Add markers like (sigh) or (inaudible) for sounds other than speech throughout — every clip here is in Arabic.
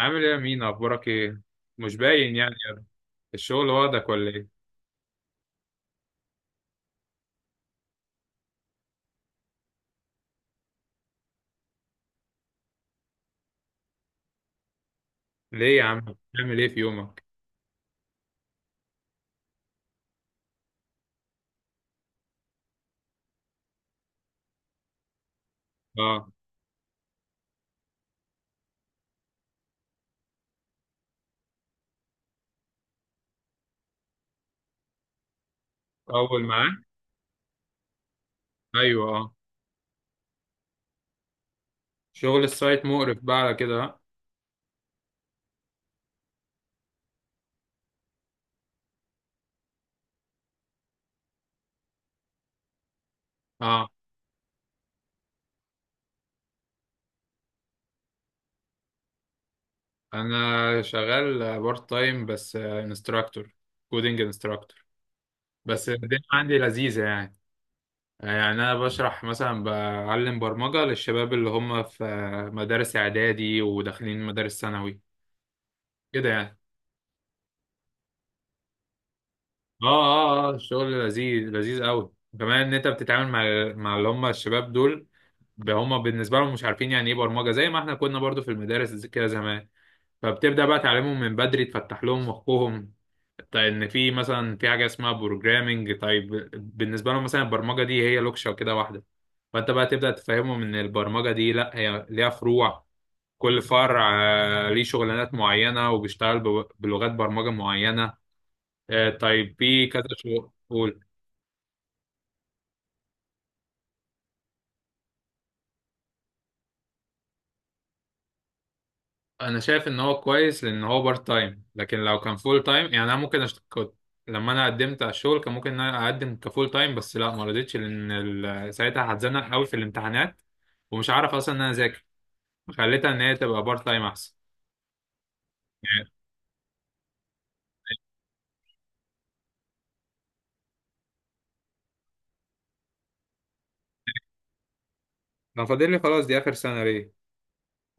عامل ايه يا مين، اخبارك ايه؟ مش باين يعني يا ابني. الشغل واخدك ولا ايه؟ ليه يا عم؟ بتعمل ايه في يومك؟ اه. اول معاه. ايوه، اه. شغل السايت مقرف بقى على كده، ها؟ اه. انا شغال بارت تايم، بس انستراكتور. كودينج انستراكتور. بس الدنيا عندي لذيذه يعني. يعني انا بشرح مثلا، بعلم برمجه للشباب اللي هم في مدارس اعدادي وداخلين مدارس ثانوي كده يعني. اه، اه، اه، الشغل لذيذ لذيذ قوي، وكمان ان انت بتتعامل مع اللي هم الشباب دول. هم بالنسبه لهم مش عارفين يعني ايه برمجه، زي ما احنا كنا برضو في المدارس كده زمان. فبتبدا بقى تعلمهم من بدري، تفتح لهم مخهم. طيب، ان في مثلا في حاجه اسمها بروجرامنج، طيب بالنسبه لهم مثلا البرمجه دي هي لوكشه كده واحده. فانت بقى تبدا تفهمهم ان البرمجه دي لا، هي ليها فروع، كل فرع ليه شغلانات معينه، وبيشتغل بلغات برمجه معينه. طيب في كذا شغل. انا شايف ان هو كويس لان هو بارت تايم، لكن لو كان فول تايم يعني انا ممكن كنت، لما انا قدمت على الشغل كان ممكن ان انا اقدم كفول تايم، بس لا، ما رضيتش لان ساعتها هتزنق قوي في الامتحانات ومش عارف اصلا ان انا اذاكر. خليتها ان هي تبقى بارت تايم احسن يعني. لو فاضل لي، خلاص دي اخر سنه ليه.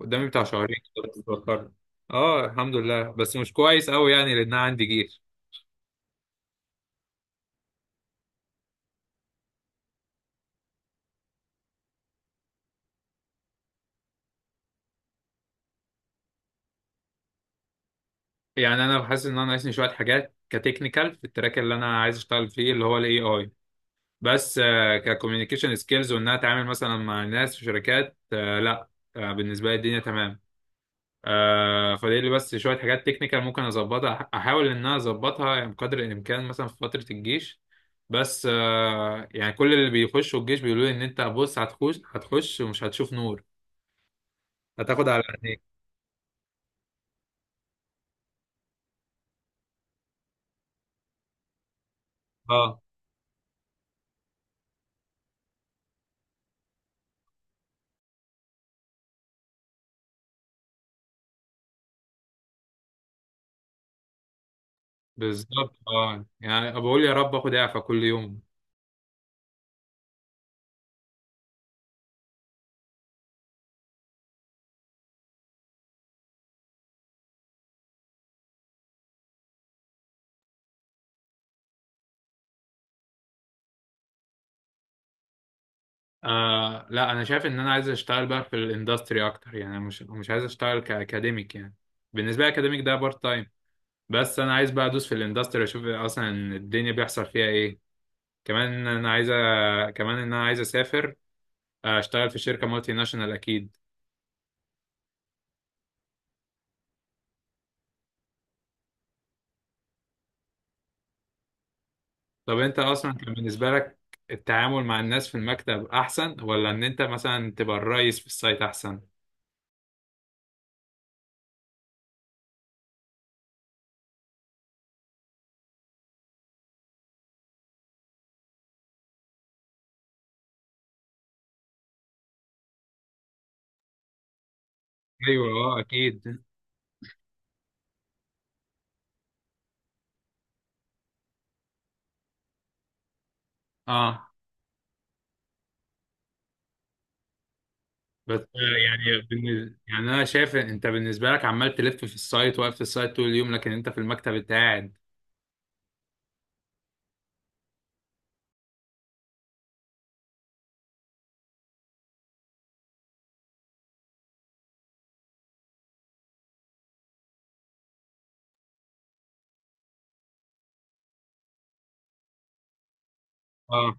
قدامي بتاع شهرين كده، بتفكر. اه الحمد لله، بس مش كويس قوي يعني، لان انا عندي جيش. يعني انا حاسس ان انا ناقصني شويه حاجات كتكنيكال في التراك اللي انا عايز اشتغل فيه، اللي هو الاي اي. بس ككوميونيكيشن سكيلز، وانها اتعامل مثلا مع ناس في شركات، لا. بالنسبه لي الدنيا تمام. فدي اللي، بس شويه حاجات تكنيكال ممكن اظبطها، احاول ان انا اظبطها يعني بقدر الامكان، مثلا في فتره الجيش. بس يعني كل اللي بيخشوا الجيش بيقولوا لي ان انت بص، هتخش هتخش ومش هتشوف نور، هتاخد على عينيك. اه بالظبط، اه، يعني بقول يا رب اخد اعفاء كل يوم. آه لا، انا شايف ان انا عايز اشتغل بقى في الاندستري اكتر يعني، أنا مش عايز اشتغل كاكاديميك يعني. بالنسبه لي اكاديميك ده بارت تايم. بس انا عايز بقى ادوس في الاندستري، اشوف اصلا الدنيا بيحصل فيها ايه. كمان انا عايز كمان ان انا عايز اسافر، اشتغل في شركه مالتي ناشونال اكيد. طب انت اصلا، كان بالنسبه لك التعامل مع الناس في المكتب احسن، ولا ان انت مثلا تبقى الرئيس في السايت احسن؟ ايوه، اه، اكيد، اه. بس يعني يعني انا شايف إن انت بالنسبه لك عمال تلف في السايت، واقف في السايت طول اليوم، لكن انت في المكتب انت قاعد. اه،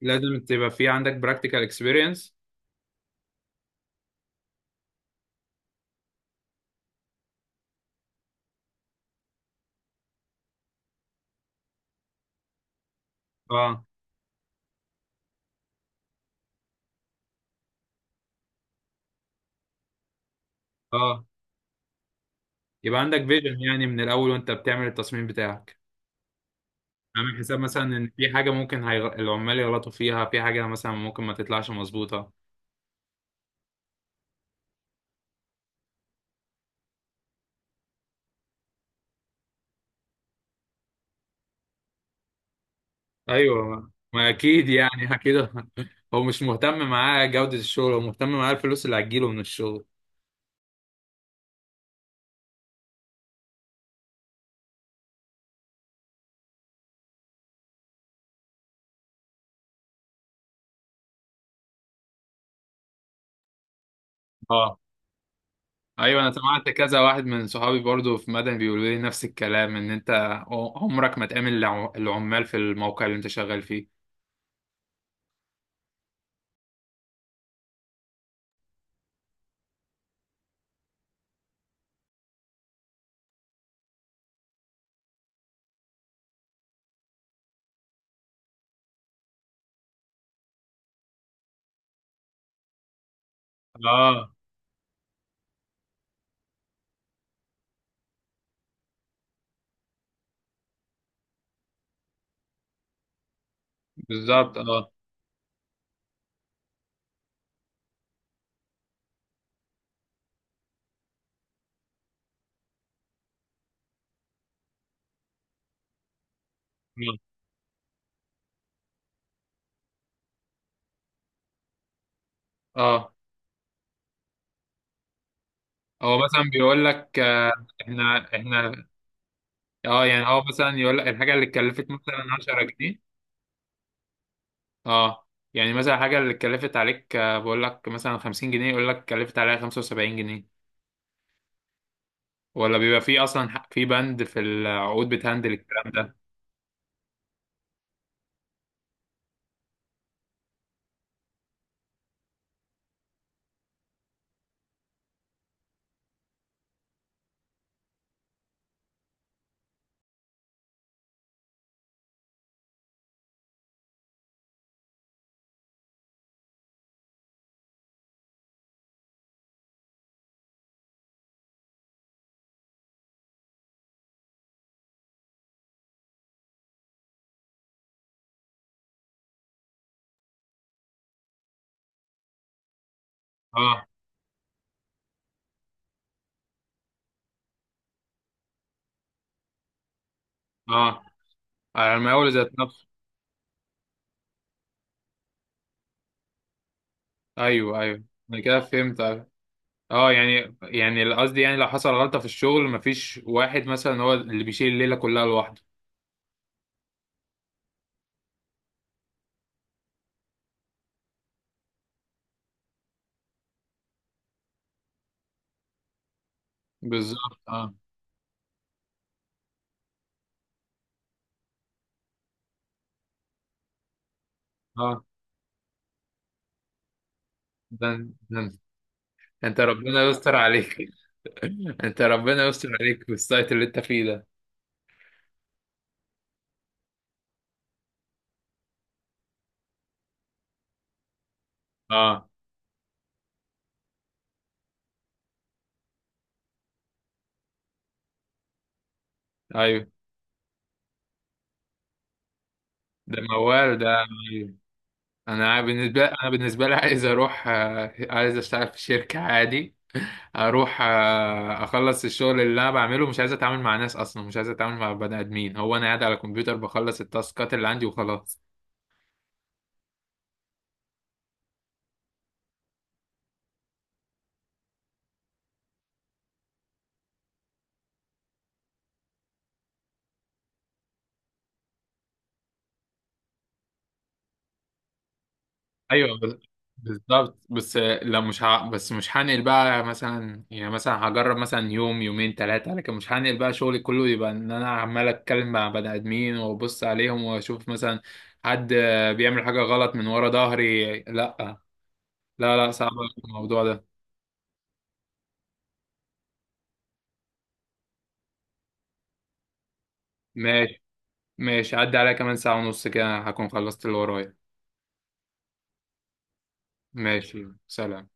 لازم تبقى في عندك براكتيكال اكسبيرينس. اه، اه. يبقى عندك فيجن يعني من الاول وانت بتعمل التصميم بتاعك، عامل حساب مثلا ان في حاجه ممكن العمال يغلطوا فيها، في حاجه مثلا ممكن ما تطلعش مظبوطه. ايوه ما اكيد يعني، اكيد. (laughs) هو مش مهتم معاه جوده الشغل، هو مهتم معاه الفلوس اللي هتجيله من الشغل. اه، ايوه، انا سمعت كذا واحد من صحابي برضو في مدني بيقولوا لي نفس الكلام، ان انت عمرك ما تقابل العمال في الموقع اللي انت شغال فيه. اه بالظبط، اه، اه، آه. هو مثلا بيقول لك، احنا، اه يعني، هو مثلا يقول لك الحاجه اللي اتكلفت مثلا 10 جنيه، اه، يعني مثلا الحاجه اللي اتكلفت عليك بقول لك مثلا 50 جنيه، يقول لك اتكلفت عليها 75 جنيه. ولا بيبقى في اصلا في بند في العقود بتهندل الكلام ده؟ اه، اه. على المقاول ذات. ايوه، ايوه، انا كده فهمت، أيوه. اه يعني قصدي، يعني لو حصل غلطه في الشغل مفيش واحد مثلا هو اللي بيشيل الليله كلها لوحده. بالظبط، اه، اه. ده ده انت ربنا يستر عليك. (laughs) انت ربنا يستر عليك في السايت اللي انت فيه ده. اه، ايوه. ده موال ده، أيوه. انا بالنسبه لي عايز اروح، عايز اشتغل في شركه عادي، اروح اخلص الشغل اللي انا بعمله. مش عايز اتعامل مع ناس اصلا، مش عايز اتعامل مع بني ادمين. هو انا قاعد على الكمبيوتر بخلص التاسكات اللي عندي وخلاص. ايوه بالظبط. بس لا، مش ه... بس مش هنقل بقى مثلا، يعني مثلا هجرب مثلا يوم يومين ثلاثه، لكن مش هنقل بقى شغلي كله يبقى ان انا عمال اتكلم مع بني ادمين وابص عليهم واشوف مثلا حد بيعمل حاجه غلط من ورا ظهري. لا، لا، لا، صعب الموضوع ده. ماشي. ماشي، عدى عليا كمان ساعه ونص كده هكون خلصت اللي ورايا. ماشي، سلام.